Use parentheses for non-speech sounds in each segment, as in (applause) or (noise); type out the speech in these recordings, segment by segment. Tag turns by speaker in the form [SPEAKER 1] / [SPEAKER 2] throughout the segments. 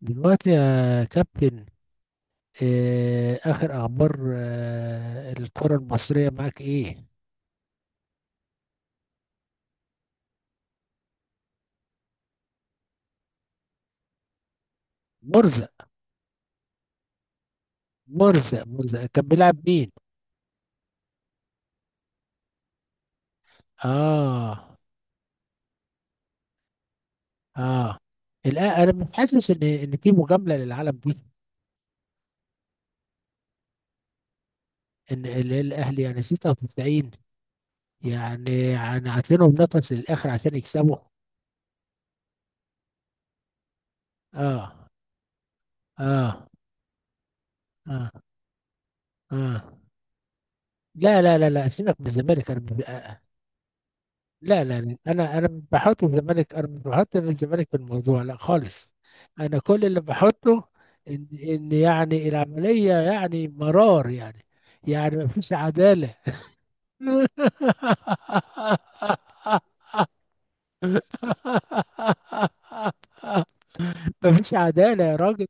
[SPEAKER 1] دلوقتي يا كابتن. آخر أخبار الكرة المصرية معاك إيه؟ مرزق. مرزق كان بيلعب مين؟ آه. آه. أنا مش حاسس إن في مجاملة للعالم دي. الأهلي يعني 96. يعني عاطينهم نقص للآخر عشان يكسبوا. آه. آه. آه. آه. لا، لا، لا، لا، سيبك من الزمالك أنا. لا، لا، لا، انا مش بحط الزمالك، انا مش بحط الزمالك في الموضوع، لا خالص. انا كل اللي بحطه ان يعني العمليه يعني مرار يعني. يعني ما فيش عداله. (laughs) ما فيش عداله يا راجل.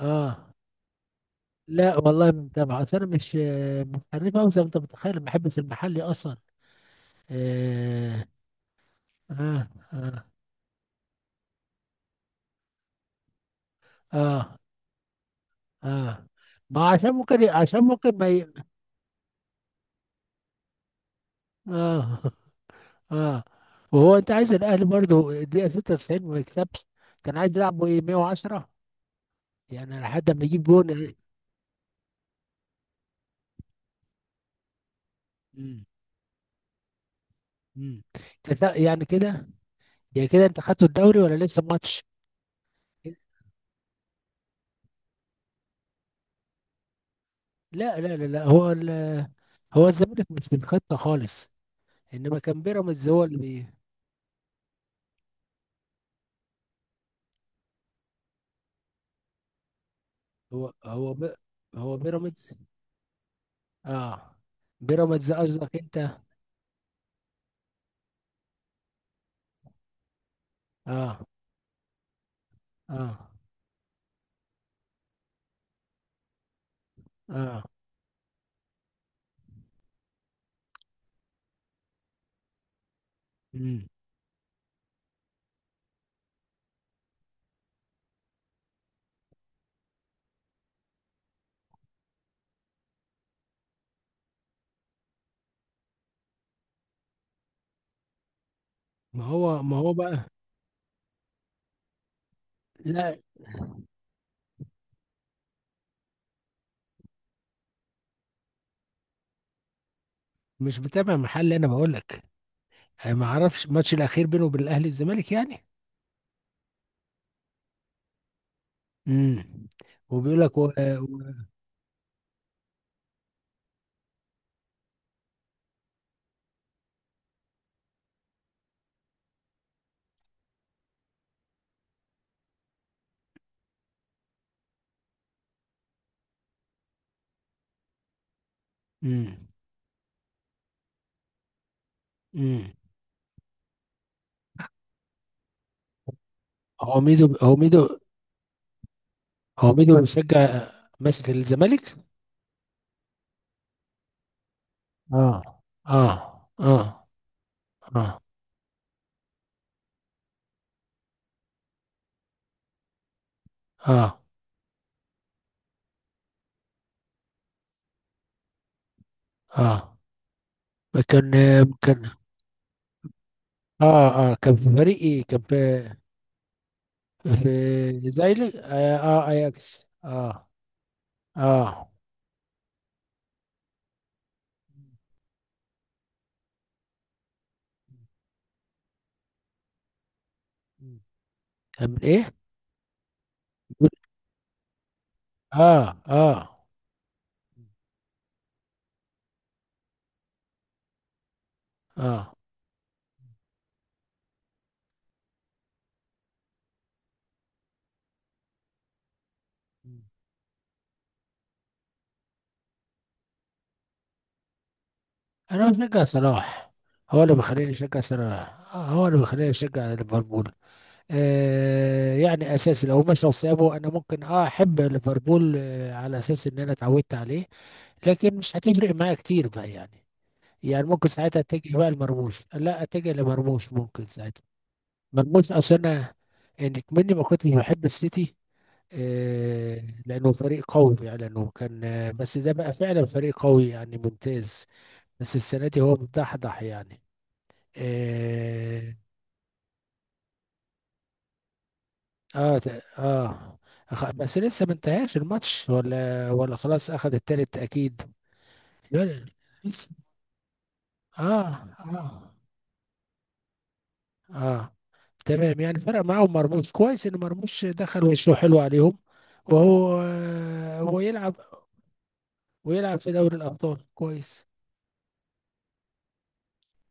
[SPEAKER 1] اه. لا والله، ما متابع، اصل انا مش حريف أوي زي ما انت متخيل، ما بحبش المحلي اصلا. آه. آه. آه. آه. اه، ما عشان ممكن ما ي... اه. اه. وهو انت عايز الاهلي برضو الدقيقه 96 ما يكسبش؟ كان عايز يلعبه ايه، 110؟ يعني لحد ما يجيب جون. مم. مم. يعني كده، يعني كده انت خدتوا الدوري ولا لسه ماتش؟ لا، لا، لا، لا، هو هو الزمالك مش في الخطه خالص. انما كان بيراميدز هو اللي هو هو ب... هو بيراميدز. اه، بيراميدز قصدك انت؟ اه. اه. اه. ما هو بقى. لا، مش متابع محل، انا بقول لك. أنا ما اعرفش الماتش الاخير بينه وبين الاهلي الزمالك يعني. امم. وبيقول لك و... امم. امم. هو ميدو هو ميدو هو ميدو بيشجع، ماسك الزمالك. اه. اه. اه. اه. اه. اه. كان كان. اه، اه، كان في فريق ايه، كان في زايلك، اه، اياكس، اه. اه، كان من ايه؟ اه. اه. اه. مم. انا بشجع صلاح. هو اللي بيخليني اشجع صلاح، هو اللي بيخليني اشجع ليفربول. يعني اساسي، لو مشوا سابه انا ممكن احب ليفربول، على اساس ان انا اتعودت عليه. لكن مش هتفرق معايا كتير بقى يعني. يعني ممكن ساعتها اتجه بقى لمرموش، لا، اتجه لمرموش ممكن ساعتها. مرموش، اصل انا انك مني ما كنتش بحب السيتي. آه. لانه فريق قوي يعني، لانه كان بس ده بقى فعلا فريق قوي يعني ممتاز. بس السنة دي هو مدحضح يعني. إيه. اه. اه. بس لسه ما انتهاش الماتش، ولا خلاص اخذ التالت اكيد؟ يلا. لسه. اه. اه. اه. تمام يعني، فرق معاهم مرموش، كويس ان مرموش دخل وشه حلو عليهم. وهو يلعب، ويلعب في دوري الابطال كويس.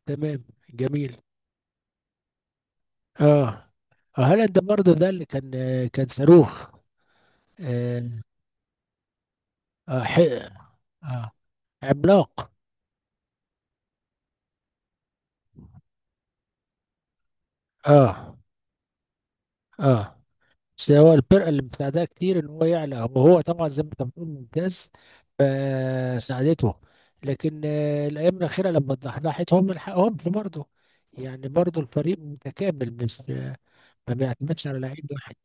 [SPEAKER 1] تمام. جميل. اه. هالاند برضه ده اللي كان كان صاروخ. اه. آه, حق- آه عملاق. اه. اه. بس هو الفرقه اللي مساعداه كتير ان هو يعلى، وهو طبعا زي ما انت بتقول ممتاز، فساعدته. لكن الايام الاخيره لما اتضحضحت هم لحقهمش برضه. يعني برضه الفريق متكامل، مش ما بيعتمدش على لعيب واحد.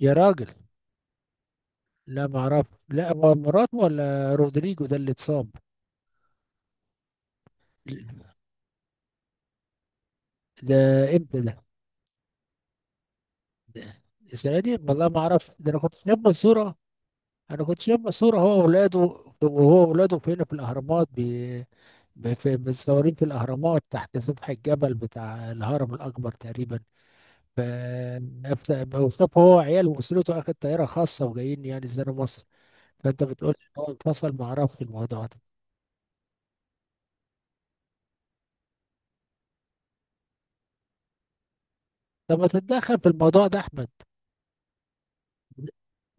[SPEAKER 1] يا راجل. لا ما اعرف، لا هو مراتو ولا رودريجو ده اللي اتصاب؟ ده، امتى ده؟ ده، السنه دي والله ما اعرف، ده انا كنت شايف منصوره. انا كنت شايف صورة هو وولاده، وهو وولاده فين، في الاهرامات في، متصورين في الاهرامات تحت سفح الجبل بتاع الهرم الاكبر تقريبا. ف وصف هو وعياله واسرته، اخد طياره خاصه وجايين يعني زي مصر. فانت بتقول ان هو انفصل، ما اعرفش الموضوع ده. طب ما تتدخل في الموضوع ده احمد.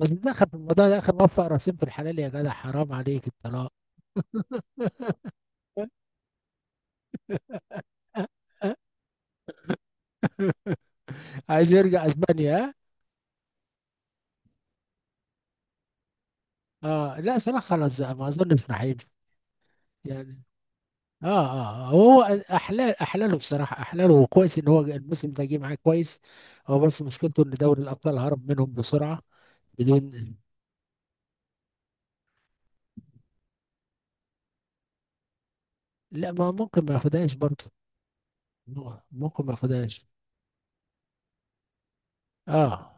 [SPEAKER 1] ما تتدخل في الموضوع ده، اخر موفق راسين في الحلال، يا جدع، حرام عليك الطلاق. (laughs) عايز يرجع اسبانيا، ها؟ اه لا، صلاح خلاص بقى، ما اظنش راح يمشي. يعني، اه، اه، وهو احلاله بصراحه، احلاله، وكويس ان هو الموسم ده جه معاه كويس. هو بس مشكلته ان دوري الابطال هرب منهم بسرعه. بدون. لا، ما ممكن ما ياخدهاش برضه، ممكن ما ياخدهاش. اه.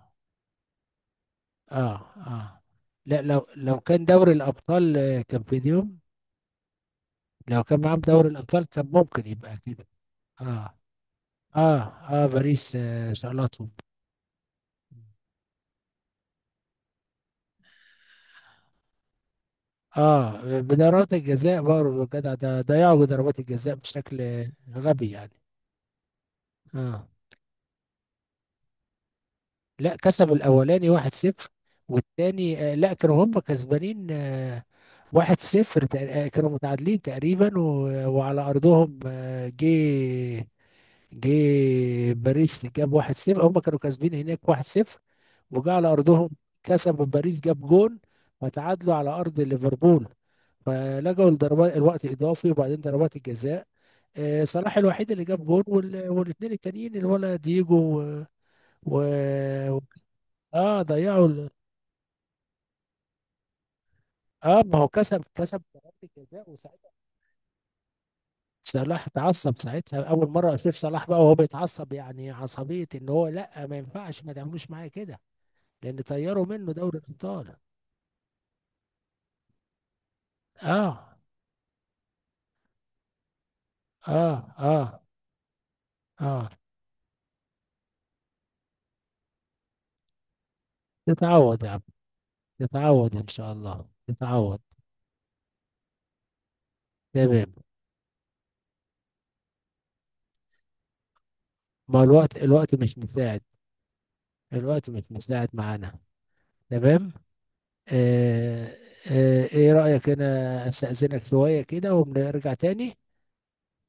[SPEAKER 1] اه. اه. لا، لو كان دوري الابطال كان في يوم، لو كان معاهم دوري الابطال كان ممكن يبقى كده. اه. اه. اه. باريس شالتهم. اه بضربات الجزاء برضه جدع، ده ضيعوا ضربات الجزاء بشكل غبي يعني. اه لا، كسبوا الاولاني 1-0، والتاني لا كانوا هم كسبانين. 1-0. كانوا متعادلين تقريبا وعلى ارضهم، جه. جه. باريس جاب 1-0، هم كانوا كاسبين هناك 1-0، وجا على ارضهم كسبوا، باريس جاب جون، فتعادلوا على ارض ليفربول، فلجوا لضربات الوقت اضافي وبعدين ضربات الجزاء. صلاح الوحيد اللي جاب جون، والاثنين التانيين اللي هو، لا، دييجو و- و- اه ضيعوا اه، ما هو كسب ضربة الجزاء، وساعتها صلاح اتعصب ساعتها، اول مره اشوف صلاح بقى وهو بيتعصب، يعني عصبيه ان هو لا، ما ينفعش ما تعملوش معايا كده، لان طيروا منه دوري الابطال. اه. اه. اه. اه. تتعود يا عم، تتعود ان شاء الله، تتعود. تمام. ما الوقت مش مساعد، الوقت مش مساعد معانا. تمام. آه. ايه رأيك، انا استأذنك شويه كده ونرجع تاني؟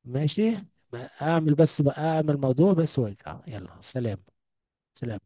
[SPEAKER 1] ماشي. بقى اعمل بس، بقى اعمل موضوع بس وارجع، يلا سلام. سلام.